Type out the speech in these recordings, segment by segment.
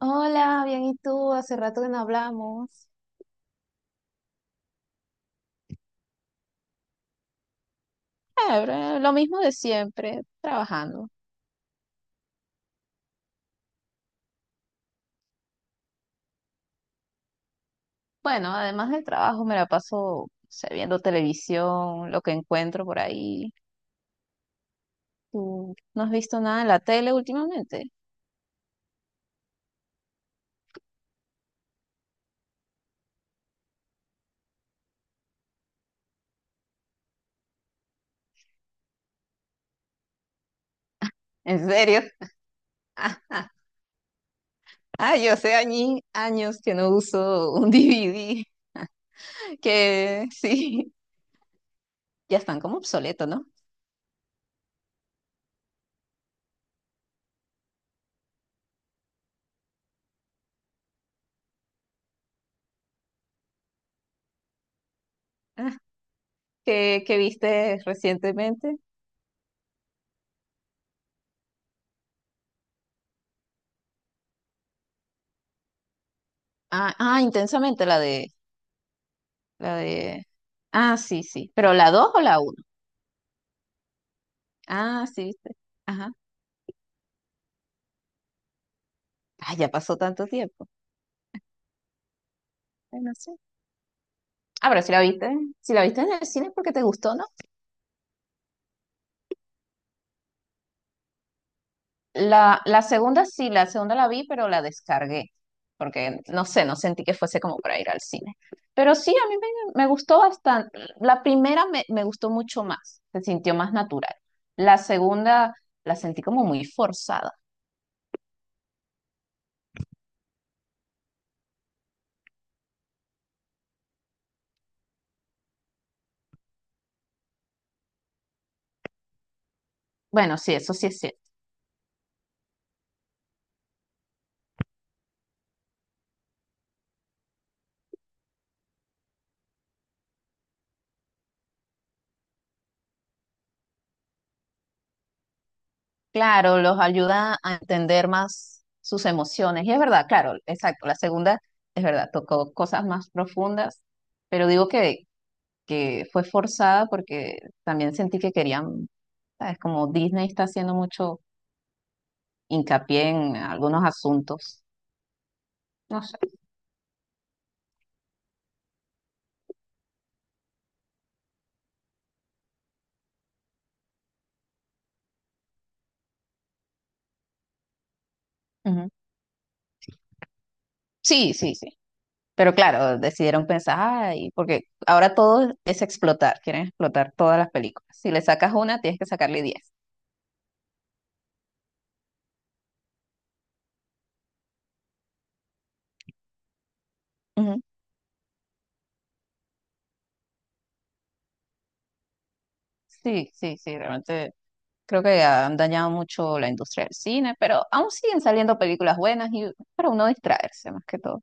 Hola, bien, ¿y tú? Hace rato que no hablamos. Lo mismo de siempre, trabajando. Bueno, además del trabajo me la paso, o sea, viendo televisión, lo que encuentro por ahí. ¿Tú no has visto nada en la tele últimamente? ¿En serio? Ah, yo sé años que no uso un DVD, que sí, ya están como obsoletos, ¿no? Ah, ¿qué viste recientemente? Ah, ah, Intensamente, la de la de... Ah, sí, sí. ¿Pero la 2 o la uno? Ah, sí, viste. Ajá. Ah, ya pasó tanto tiempo. Ay, no. Ah, pero si la viste, si la viste en el cine es porque te gustó, ¿no? La segunda sí, la segunda la vi, pero la descargué. Porque no sé, no sentí que fuese como para ir al cine. Pero sí, a mí me gustó bastante. La primera me gustó mucho más, se sintió más natural. La segunda la sentí como muy forzada. Bueno, sí, eso sí es cierto. Claro, los ayuda a entender más sus emociones. Y es verdad, claro, exacto. La segunda, es verdad, tocó cosas más profundas, pero digo que, fue forzada porque también sentí que querían, ¿sabes? Como Disney está haciendo mucho hincapié en algunos asuntos. No sé. Ujú. Sí, sí, sí. Pero claro, decidieron pensar, ay, porque ahora todo es explotar, quieren explotar todas las películas. Si le sacas una, tienes que sacarle 10. Ujú. Sí, sí, sí, realmente. Creo que han dañado mucho la industria del cine, pero aún siguen saliendo películas buenas y para uno distraerse más que todo.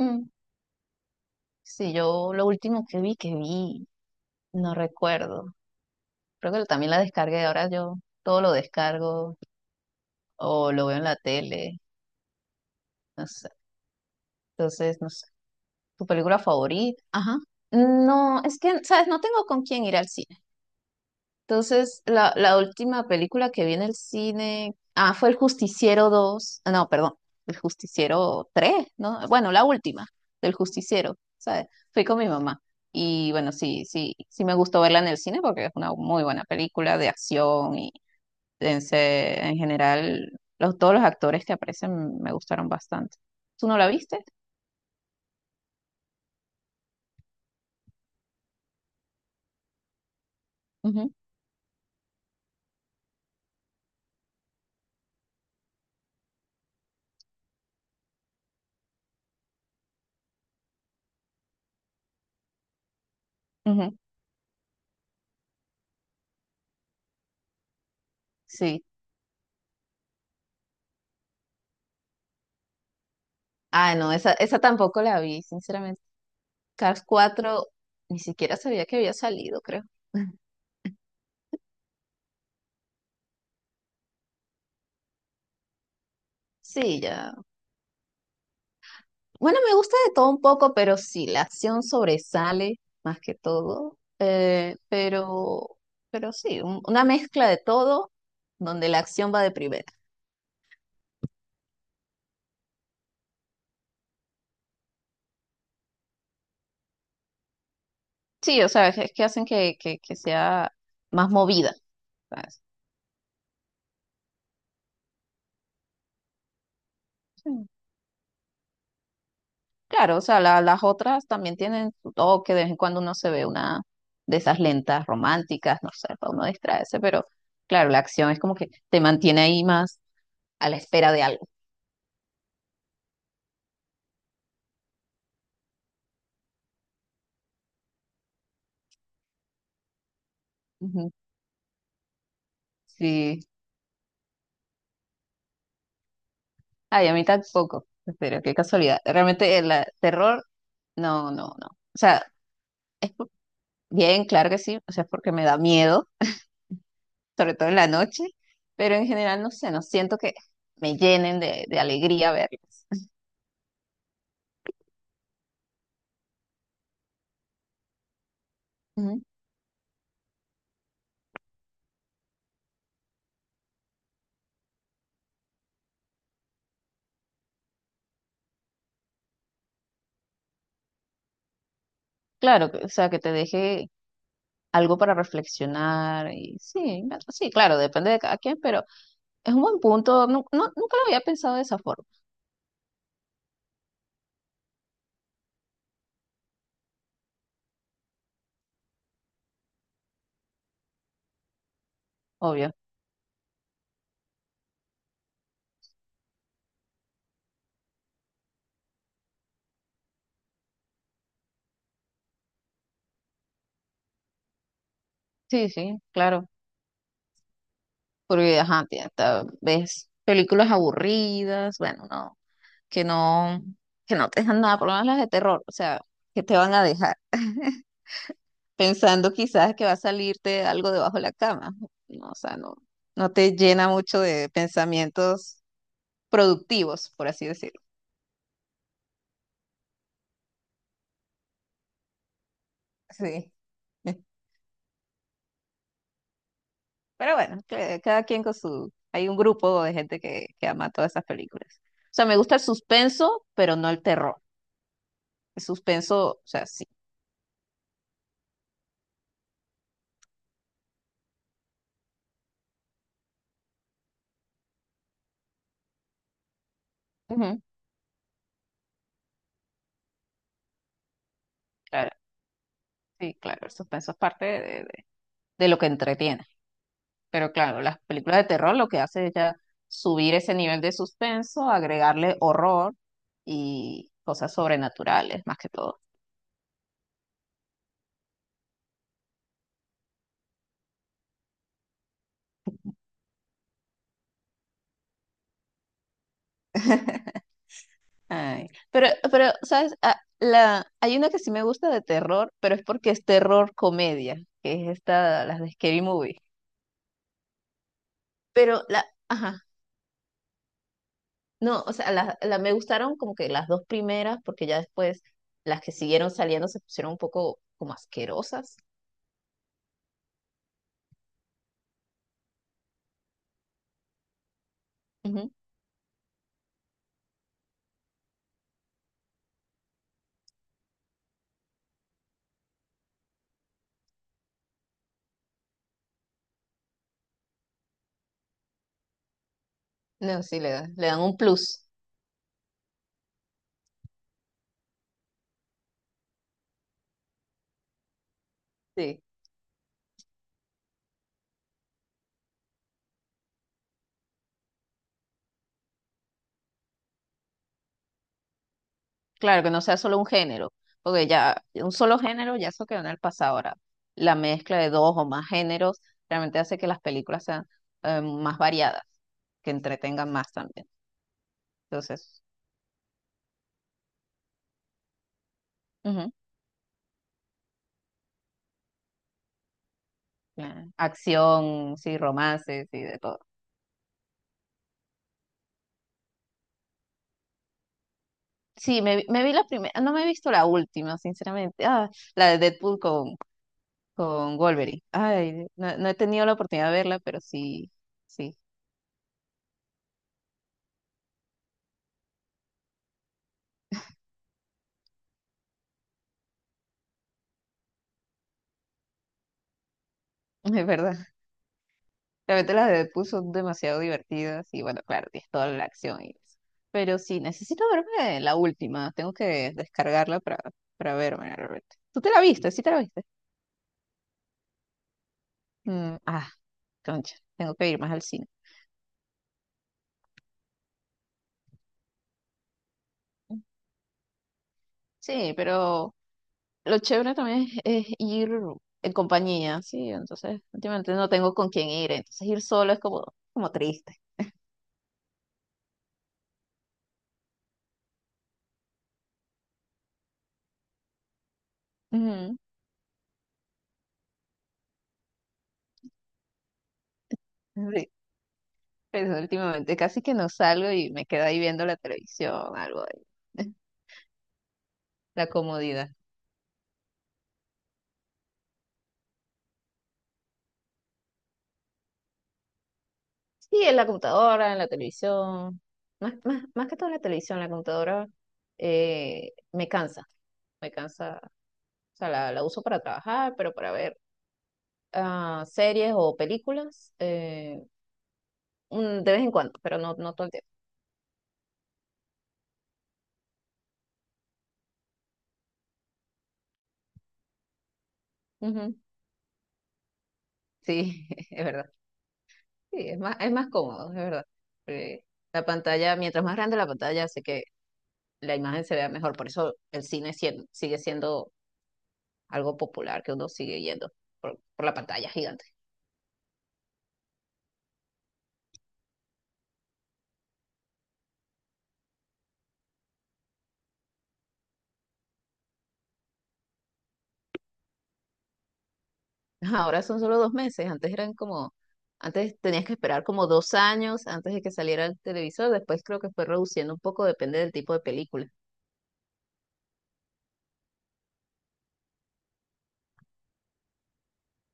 Mm. Sí, yo lo último que vi, no recuerdo. Creo que también la descargué. Ahora yo todo lo descargo o lo veo en la tele. No sé. Entonces, no sé. ¿Tu película favorita? Ajá. No, es que, ¿sabes? No tengo con quién ir al cine. Entonces, la última película que vi en el cine, fue El Justiciero 2, ah, no, perdón, El Justiciero 3, ¿no? Bueno, la última del Justiciero, ¿sabes? Fui con mi mamá. Y bueno, sí, sí, sí me gustó verla en el cine porque es una muy buena película de acción y en general todos los actores que aparecen me gustaron bastante. ¿Tú no la viste? Ujú, ujú, sí. Ah, no, esa tampoco la vi, sinceramente. Cars 4 ni siquiera sabía que había salido, creo. Sí, ya. Bueno, me gusta de todo un poco, pero sí, la acción sobresale más que todo. Pero sí, una mezcla de todo donde la acción va de primera. Sí, o sea, es que hacen que, que sea más movida. ¿Sabes? Claro, o sea, las otras también tienen su toque, de vez en cuando uno se ve una de esas lentas románticas, no sé, para uno distraerse, pero claro, la acción es como que te mantiene ahí más a la espera de algo. Ujú. Sí, ay, a mí tampoco, pero qué casualidad. Realmente el terror, no, no, no. O sea, es bien, claro que sí, o sea, es porque me da miedo, sobre todo en la noche, pero en general, no sé, no siento que me llenen de alegría verlo. Ujú. Claro, o sea, que te deje algo para reflexionar y sí, sí, claro, depende de cada quien, pero es un buen punto, no, nunca lo había pensado de esa forma, obvio. Sí, sí, claro, porque ajá, tía, ves películas aburridas, bueno, no, que no, que no te dejan nada, por lo menos las de terror, o sea, que te van a dejar pensando quizás que va a salirte algo debajo de la cama, no, o sea, no, no te llena mucho de pensamientos productivos, por así decirlo. Sí. Pero bueno, cada quien con su... Hay un grupo de gente que ama todas esas películas. O sea, me gusta el suspenso, pero no el terror. El suspenso, o sea, sí. Ujú, claro, sí, claro, el suspenso es parte de lo que entretiene. Pero claro, las películas de terror lo que hace es ya subir ese nivel de suspenso, agregarle horror y cosas sobrenaturales, más que todo. Ay, ¿sabes? Ah, hay una que sí me gusta de terror, pero es porque es terror comedia, que es esta, las de Scary Movie. Pero la, ajá, no, o sea, me gustaron como que las dos primeras, porque ya después las que siguieron saliendo se pusieron un poco como asquerosas. Ujú. No, sí, le dan un plus. Sí. Claro, que no sea solo un género, porque ya un solo género ya eso quedó en el pasado ahora. La mezcla de dos o más géneros realmente hace que las películas sean más variadas, que entretengan más también. Entonces, ujú, acción, sí, romances y de todo. Sí, me vi la primera, no me he visto la última, sinceramente. Ah, la de Deadpool con Wolverine. Ay, no, no he tenido la oportunidad de verla, pero sí, sí, es verdad. Realmente las de Deadpool son demasiado divertidas y bueno, claro, es toda la acción y eso. Pero sí, necesito verme la última, tengo que descargarla para verme realmente. ¿Tú te la viste? ¿Sí te la viste? Mm, ah, concha, tengo que ir más al cine. Sí, pero lo chévere también es ir en compañía, sí, entonces últimamente no tengo con quién ir, entonces ir solo es como triste. Ujú. Sí, pero últimamente casi que no salgo y me quedo ahí viendo la televisión, algo de la comodidad. Sí, en la computadora, en la televisión, más que todo en la televisión, la computadora me cansa, o sea, la uso para trabajar, pero para ver series o películas, de vez en cuando, pero no, no todo el tiempo. Ujú. Sí, es verdad, sí, es más cómodo, es verdad. Eh, la pantalla, mientras más grande la pantalla, hace que la imagen se vea mejor, por eso el cine sigue siendo algo popular que uno sigue yendo por la pantalla gigante. Ahora son solo 2 meses, antes eran como, antes tenías que esperar como 2 años antes de que saliera el televisor, después creo que fue reduciendo un poco, depende del tipo de película.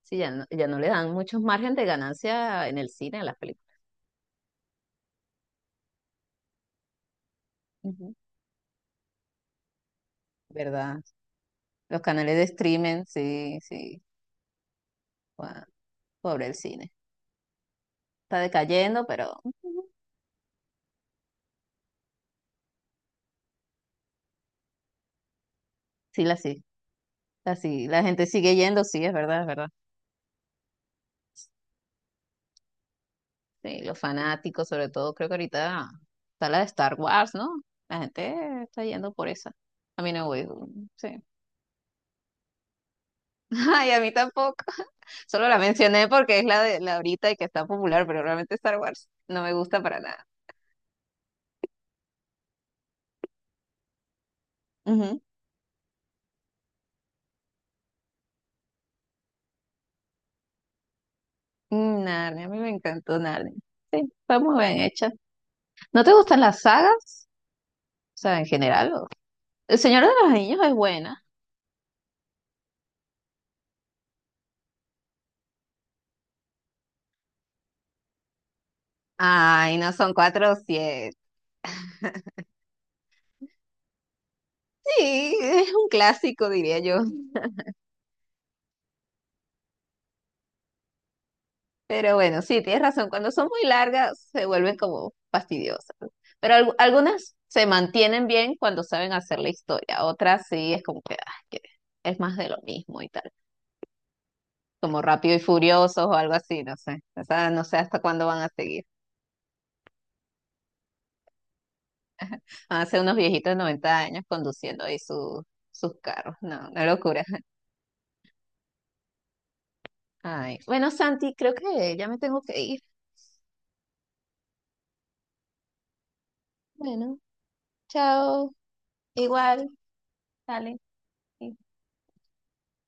Sí, ya no le dan muchos margen de ganancia en el cine a las películas. Ujú. ¿Verdad? Los canales de streaming, sí, sí, guau, pobre el cine. Está decayendo, pero sí, la gente sigue yendo, sí, es verdad, es verdad. Sí, los fanáticos, sobre todo, creo que ahorita está la de Star Wars, ¿no? La gente está yendo por esa. A mí no voy, sí. Ay, a mí tampoco. Solo la mencioné porque es la de la ahorita y que está popular, pero realmente Star Wars no me gusta para nada. Ujú. Mm, Narnia, a mí me encantó Narnia. Sí, está muy bien hecha. ¿No te gustan las sagas? O sea, en general. El Señor de los Anillos es buena. Ay, no son cuatro o siete. Sí, es un clásico, diría yo. Pero bueno, sí, tienes razón. Cuando son muy largas se vuelven como fastidiosas, ¿no? Pero algunas se mantienen bien cuando saben hacer la historia. Otras sí es como que, ah, que es más de lo mismo y tal. Como Rápido y Furiosos o algo así, no sé. O sea, no sé hasta cuándo van a seguir. Van a ser unos viejitos de 90 años conduciendo ahí sus carros. No, una locura. Ay. Bueno, Santi, creo que ya me tengo que ir. Bueno, chao. Igual, dale. Sí.